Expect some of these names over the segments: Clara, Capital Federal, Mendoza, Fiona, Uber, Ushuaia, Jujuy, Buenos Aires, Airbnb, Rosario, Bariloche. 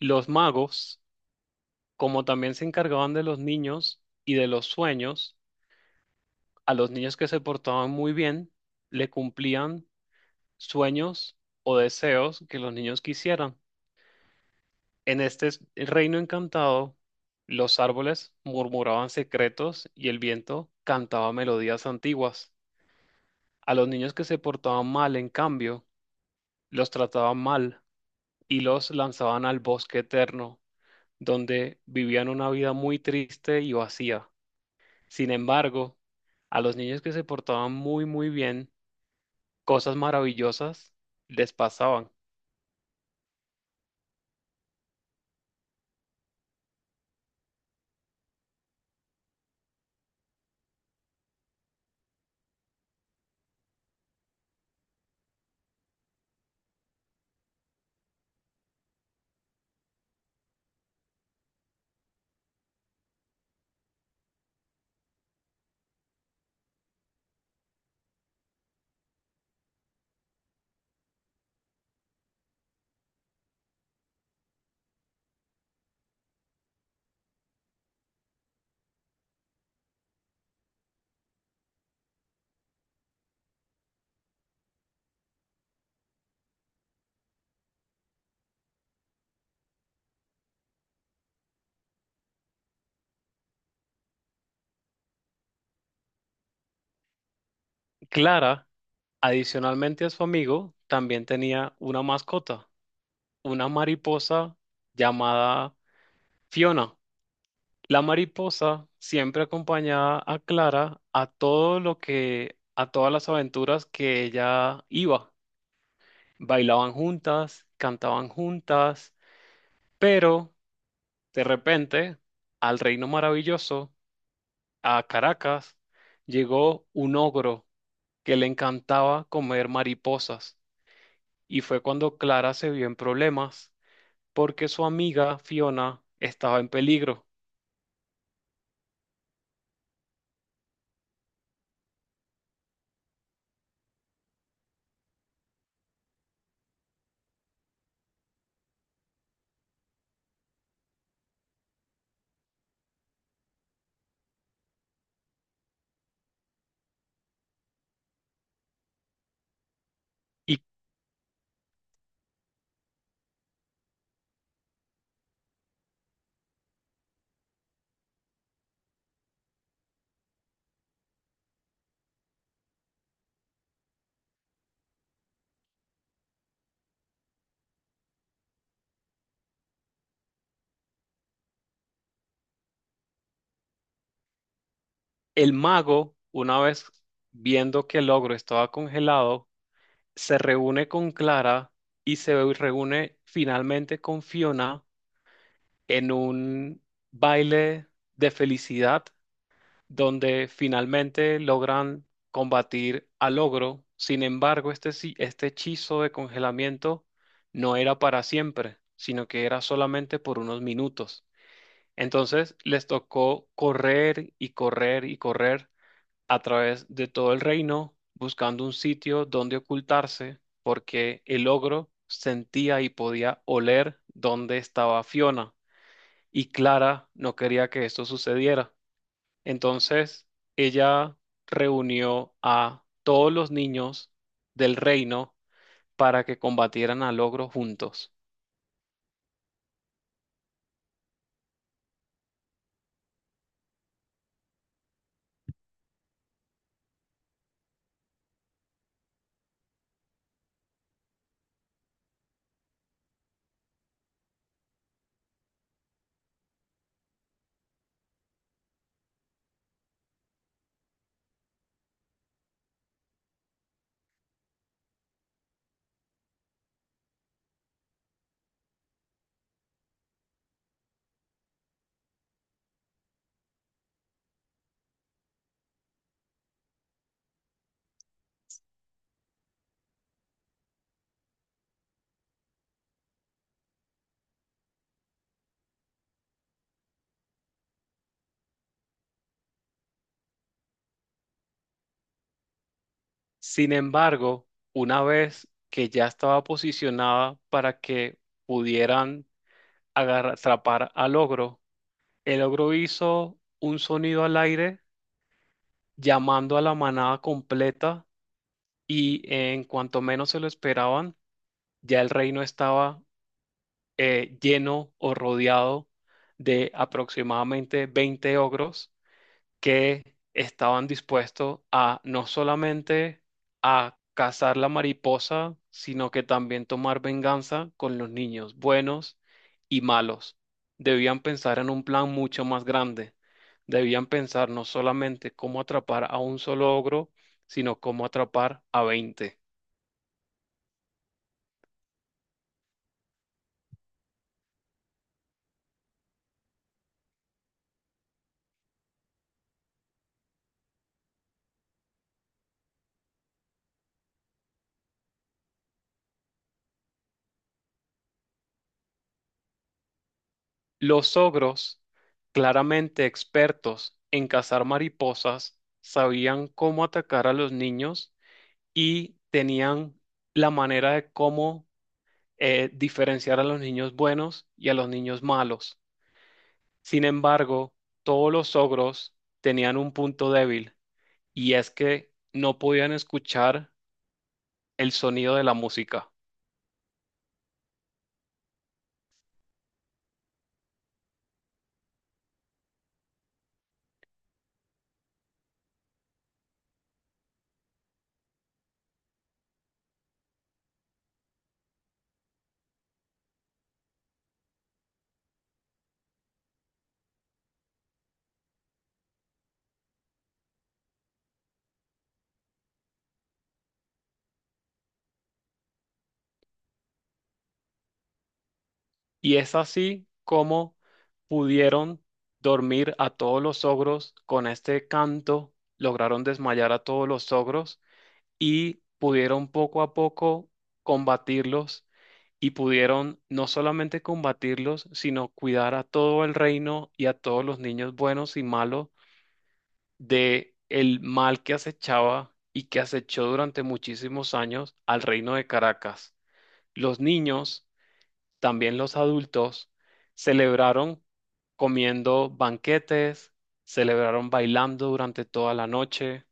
Los magos, como también se encargaban de los niños y de los sueños, a los niños que se portaban muy bien, le cumplían sueños o deseos que los niños quisieran. En este reino encantado, los árboles murmuraban secretos y el viento cantaba melodías antiguas. A los niños que se portaban mal, en cambio, los trataban mal y los lanzaban al bosque eterno, donde vivían una vida muy triste y vacía. Sin embargo, a los niños que se portaban muy, muy bien, cosas maravillosas les pasaban. Clara, adicionalmente a su amigo, también tenía una mascota, una mariposa llamada Fiona. La mariposa siempre acompañaba a Clara a a todas las aventuras que ella iba. Bailaban juntas, cantaban juntas, pero de repente, al reino maravilloso, a Caracas llegó un ogro que le encantaba comer mariposas, y fue cuando Clara se vio en problemas porque su amiga Fiona estaba en peligro. Y el mago, una vez viendo que el ogro estaba congelado, se reúne con Clara y se reúne finalmente con Fiona en un baile de felicidad donde finalmente logran combatir al ogro. Sin embargo, este hechizo de congelamiento no era para siempre, sino que era solamente por unos minutos. Entonces les tocó correr y correr y correr a través de todo el reino, buscando un sitio donde ocultarse, porque el ogro sentía y podía oler dónde estaba Fiona, y Clara no quería que esto sucediera. Entonces, ella reunió a todos los niños del reino para que combatieran al ogro juntos. Sin embargo, una vez que ya estaba posicionada para que pudieran atrapar al ogro, el ogro hizo un sonido al aire llamando a la manada completa, y en cuanto menos se lo esperaban, ya el reino estaba lleno o rodeado de aproximadamente 20 ogros que estaban dispuestos a no solamente a cazar la mariposa, sino que también tomar venganza con los niños buenos y malos. Debían pensar en un plan mucho más grande. Debían pensar no solamente cómo atrapar a un solo ogro, sino cómo atrapar a 20. Los ogros, claramente expertos en cazar mariposas, sabían cómo atacar a los niños, y tenían la manera de cómo diferenciar a los niños buenos y a los niños malos. Sin embargo, todos los ogros tenían un punto débil, y es que no podían escuchar el sonido de la música. Y es así como pudieron dormir a todos los ogros con este canto, lograron desmayar a todos los ogros y pudieron poco a poco combatirlos, y pudieron no solamente combatirlos, sino cuidar a todo el reino y a todos los niños buenos y malos de el mal que acechaba y que acechó durante muchísimos años al reino de Caracas. Los niños, también los adultos, celebraron comiendo banquetes, celebraron bailando durante toda la noche,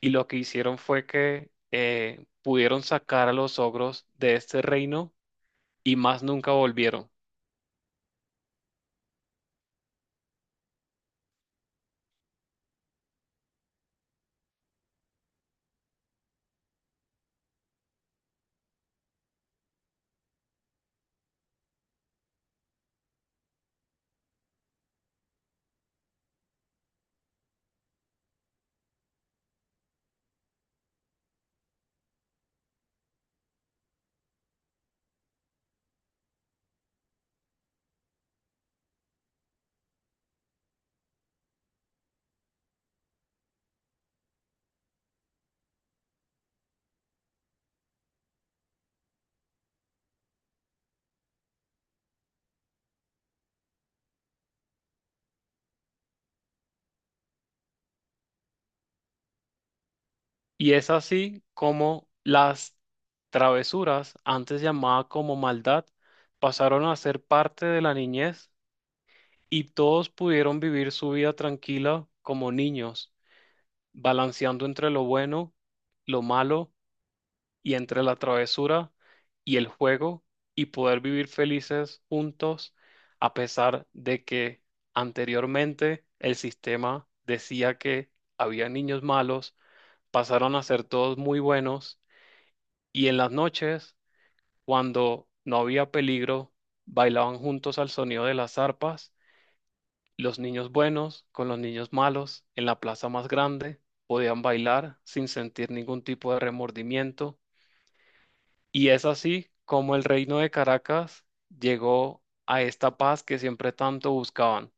y lo que hicieron fue que pudieron sacar a los ogros de este reino y más nunca volvieron. Y es así como las travesuras, antes llamada como maldad, pasaron a ser parte de la niñez, y todos pudieron vivir su vida tranquila como niños balanceando entre lo bueno, lo malo y entre la travesura y el juego, y poder vivir felices juntos a pesar de que anteriormente el sistema decía que había niños malos, pasaron a ser todos muy buenos. Y en las noches, cuando no había peligro, bailaban juntos al sonido de las arpas los niños buenos con los niños malos en la plaza más grande, podían bailar sin sentir ningún tipo de remordimiento. Y es así como el reino de Caracas llegó a esta paz que siempre tanto buscaban.